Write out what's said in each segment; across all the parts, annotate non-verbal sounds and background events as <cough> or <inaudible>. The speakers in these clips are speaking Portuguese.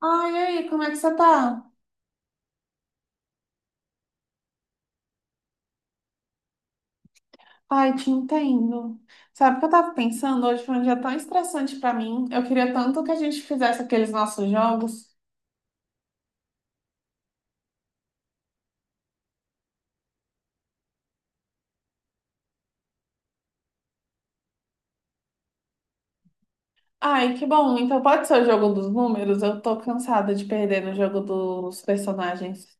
Ai, e aí, como é que você tá? Ai, te entendo. Sabe o que eu tava pensando? Hoje foi um dia tão estressante pra mim. Eu queria tanto que a gente fizesse aqueles nossos jogos. Ai, que bom. Então pode ser o jogo dos números? Eu tô cansada de perder no jogo dos personagens.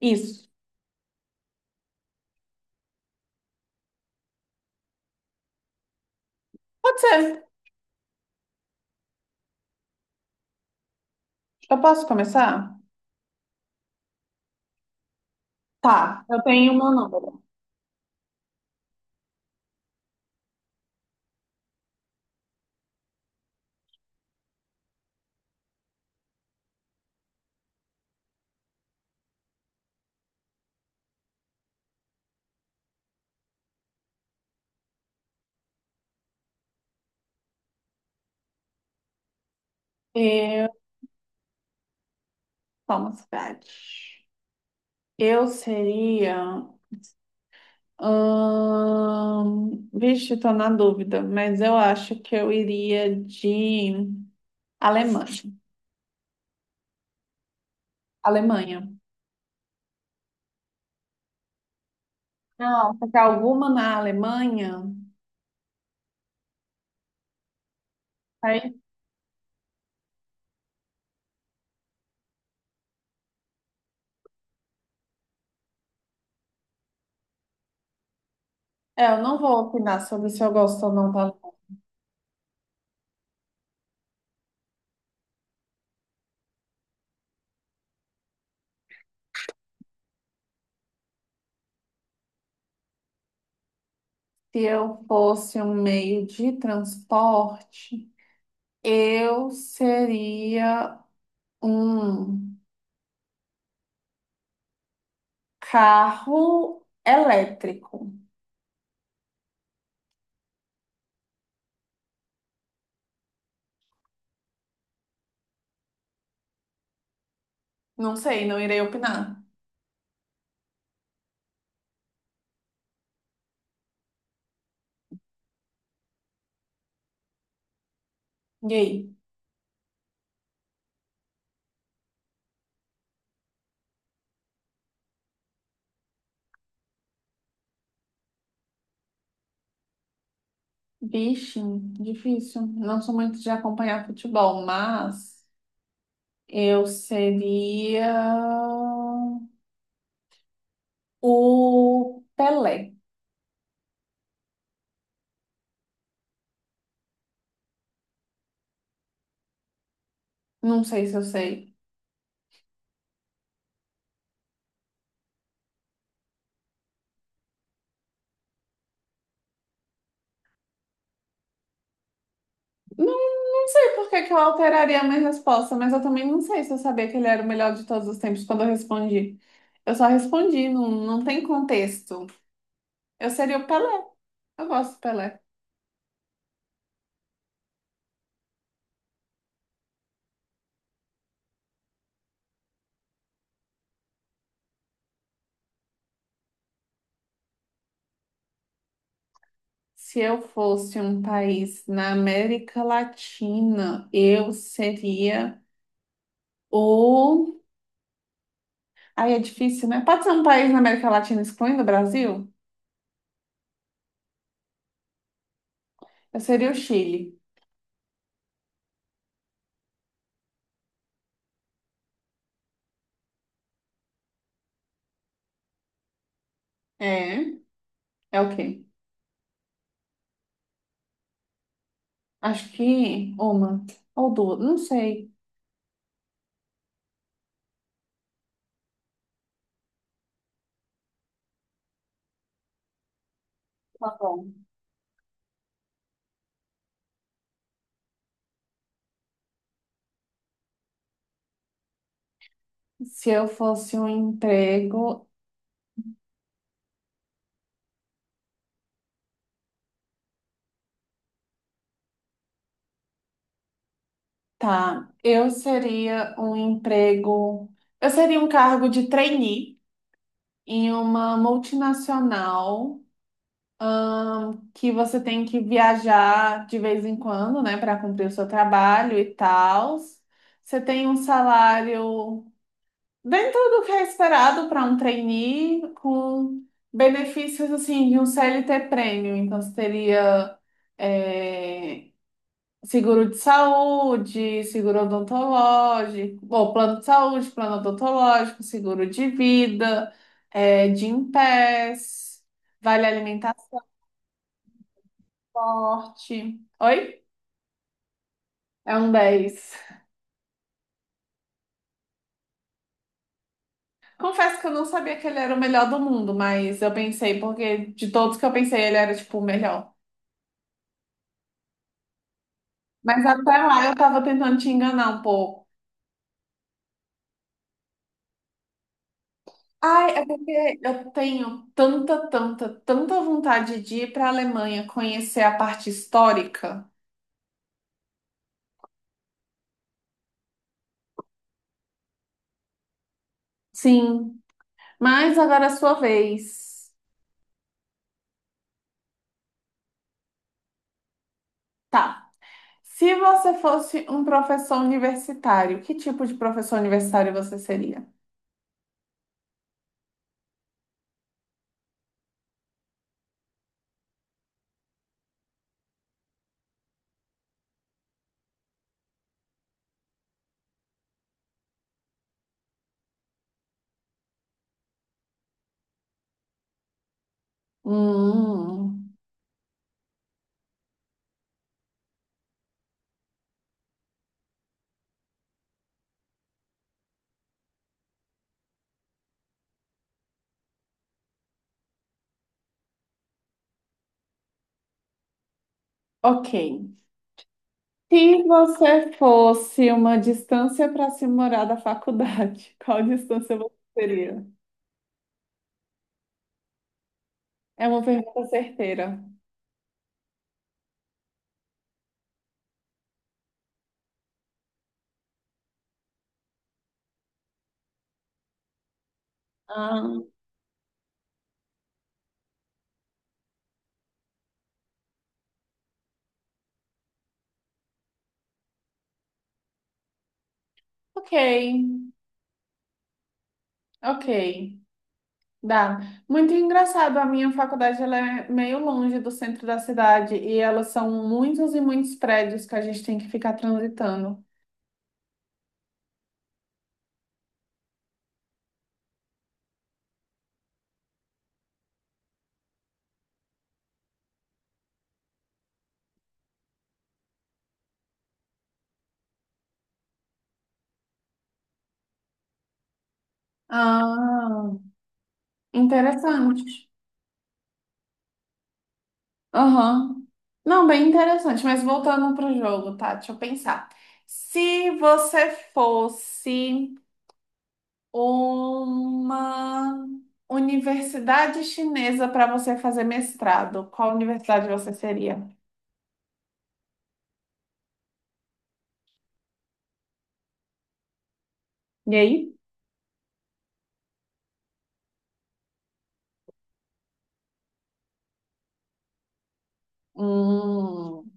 Isso. Pode ser. Eu posso começar? Tá, eu tenho o meu número. Eu sou uma cidade. Eu seria. Vixe, tô na dúvida, mas eu acho que eu iria de Alemanha. Alemanha. Não. Porque alguma na Alemanha. Aí, é, eu não vou opinar sobre se eu gosto ou não da Alemanha. Se eu fosse um meio de transporte, eu seria um carro elétrico. Não sei, não irei opinar. E aí? Vixe, difícil. Não sou muito de acompanhar futebol, mas eu seria o Pelé. Não sei se eu sei. Não, não sei por que que eu alteraria a minha resposta, mas eu também não sei se eu sabia que ele era o melhor de todos os tempos quando eu respondi. Eu só respondi, não, não tem contexto. Eu seria o Pelé. Eu gosto do Pelé. Se eu fosse um país na América Latina, eu seria o Aí é difícil, né? Pode ser um país na América Latina excluindo o Brasil? Eu seria o Chile. É? É o quê? Acho que uma ou duas, não sei. Tá bom. Se eu fosse um emprego, tá. Eu seria um emprego. Eu seria um cargo de trainee em uma multinacional ahn, que você tem que viajar de vez em quando, né, para cumprir o seu trabalho e tal. Você tem um salário dentro do que é esperado para um trainee, com benefícios assim de um CLT prêmio. Então, você teria, é, seguro de saúde, seguro odontológico, ou plano de saúde, plano odontológico, seguro de vida, é, de Gympass, vale alimentar forte. Oi? É um dez. Confesso que eu não sabia que ele era o melhor do mundo, mas eu pensei, porque de todos que eu pensei, ele era tipo o melhor. Mas até lá eu tava tentando te enganar um pouco. Ai, é porque eu tenho tanta, tanta, tanta vontade de ir para a Alemanha conhecer a parte histórica. Sim, mas agora é a sua vez. Tá. Se você fosse um professor universitário, que tipo de professor universitário você seria? Hum, ok. Se você fosse uma distância para se morar da faculdade, <laughs> qual distância você seria? É uma pergunta certeira. Ah, ok, ok. Dá. Muito engraçado, a minha faculdade ela é meio longe do centro da cidade e elas são muitos e muitos prédios que a gente tem que ficar transitando. Ah, interessante. Aham. Não, bem interessante, mas voltando para o jogo, tá? Deixa eu pensar. Se você fosse uma universidade chinesa para você fazer mestrado, qual universidade você seria? E aí? Hum,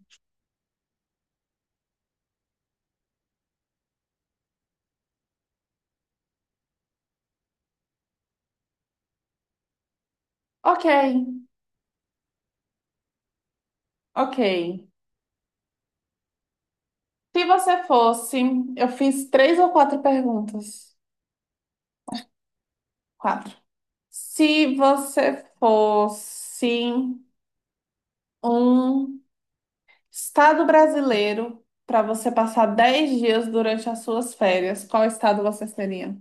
ok, ok. Se você fosse, eu fiz três ou quatro perguntas. Quatro. Se você fosse um estado brasileiro para você passar 10 dias durante as suas férias, qual estado você seria?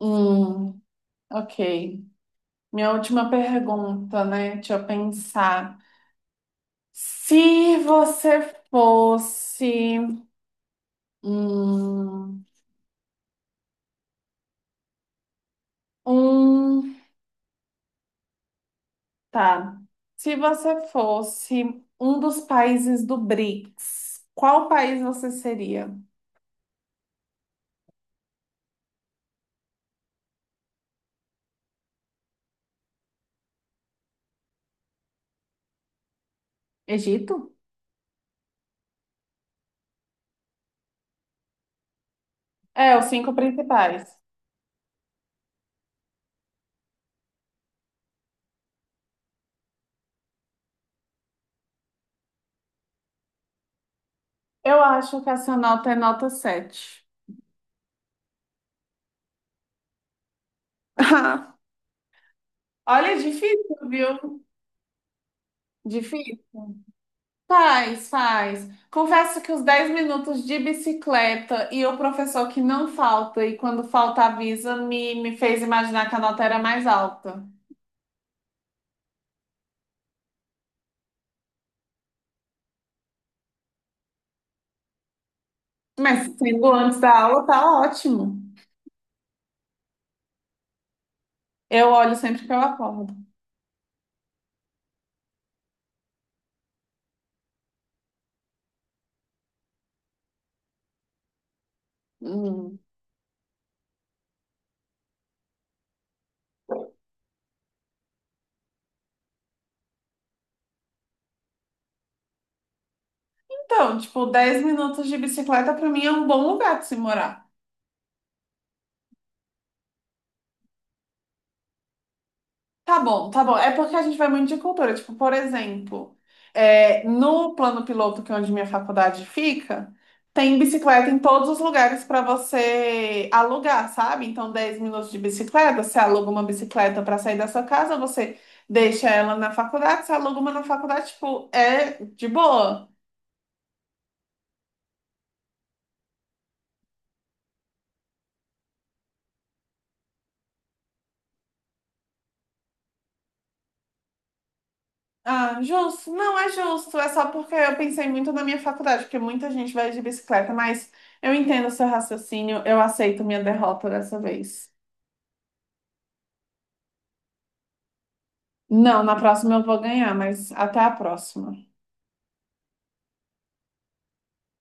Hum, ok. Minha última pergunta, né? Deixa eu pensar. Se você fosse hum, um Tá. Se você fosse um dos países do BRICS, qual país você seria? Egito? É, os cinco principais. Eu acho que essa nota é nota 7. <laughs> Olha, é difícil, viu? Difícil. Faz, faz. Confesso que os 10 minutos de bicicleta e o professor que não falta e quando falta avisa me fez imaginar que a nota era mais alta. Mas sendo antes da aula, tá ótimo. Eu olho sempre que eu acordo. Hum. Então, tipo, 10 minutos de bicicleta pra mim é um bom lugar de se morar. Tá bom, tá bom. É porque a gente vai muito de cultura. Tipo, por exemplo, é, no plano piloto, que é onde minha faculdade fica, tem bicicleta em todos os lugares para você alugar, sabe? Então, 10 minutos de bicicleta, você aluga uma bicicleta para sair da sua casa, você deixa ela na faculdade, você aluga uma na faculdade, tipo, é de boa. Ah, justo. Não é justo. É só porque eu pensei muito na minha faculdade, porque muita gente vai de bicicleta, mas eu entendo o seu raciocínio, eu aceito minha derrota dessa vez. Não, na próxima eu vou ganhar, mas até a próxima.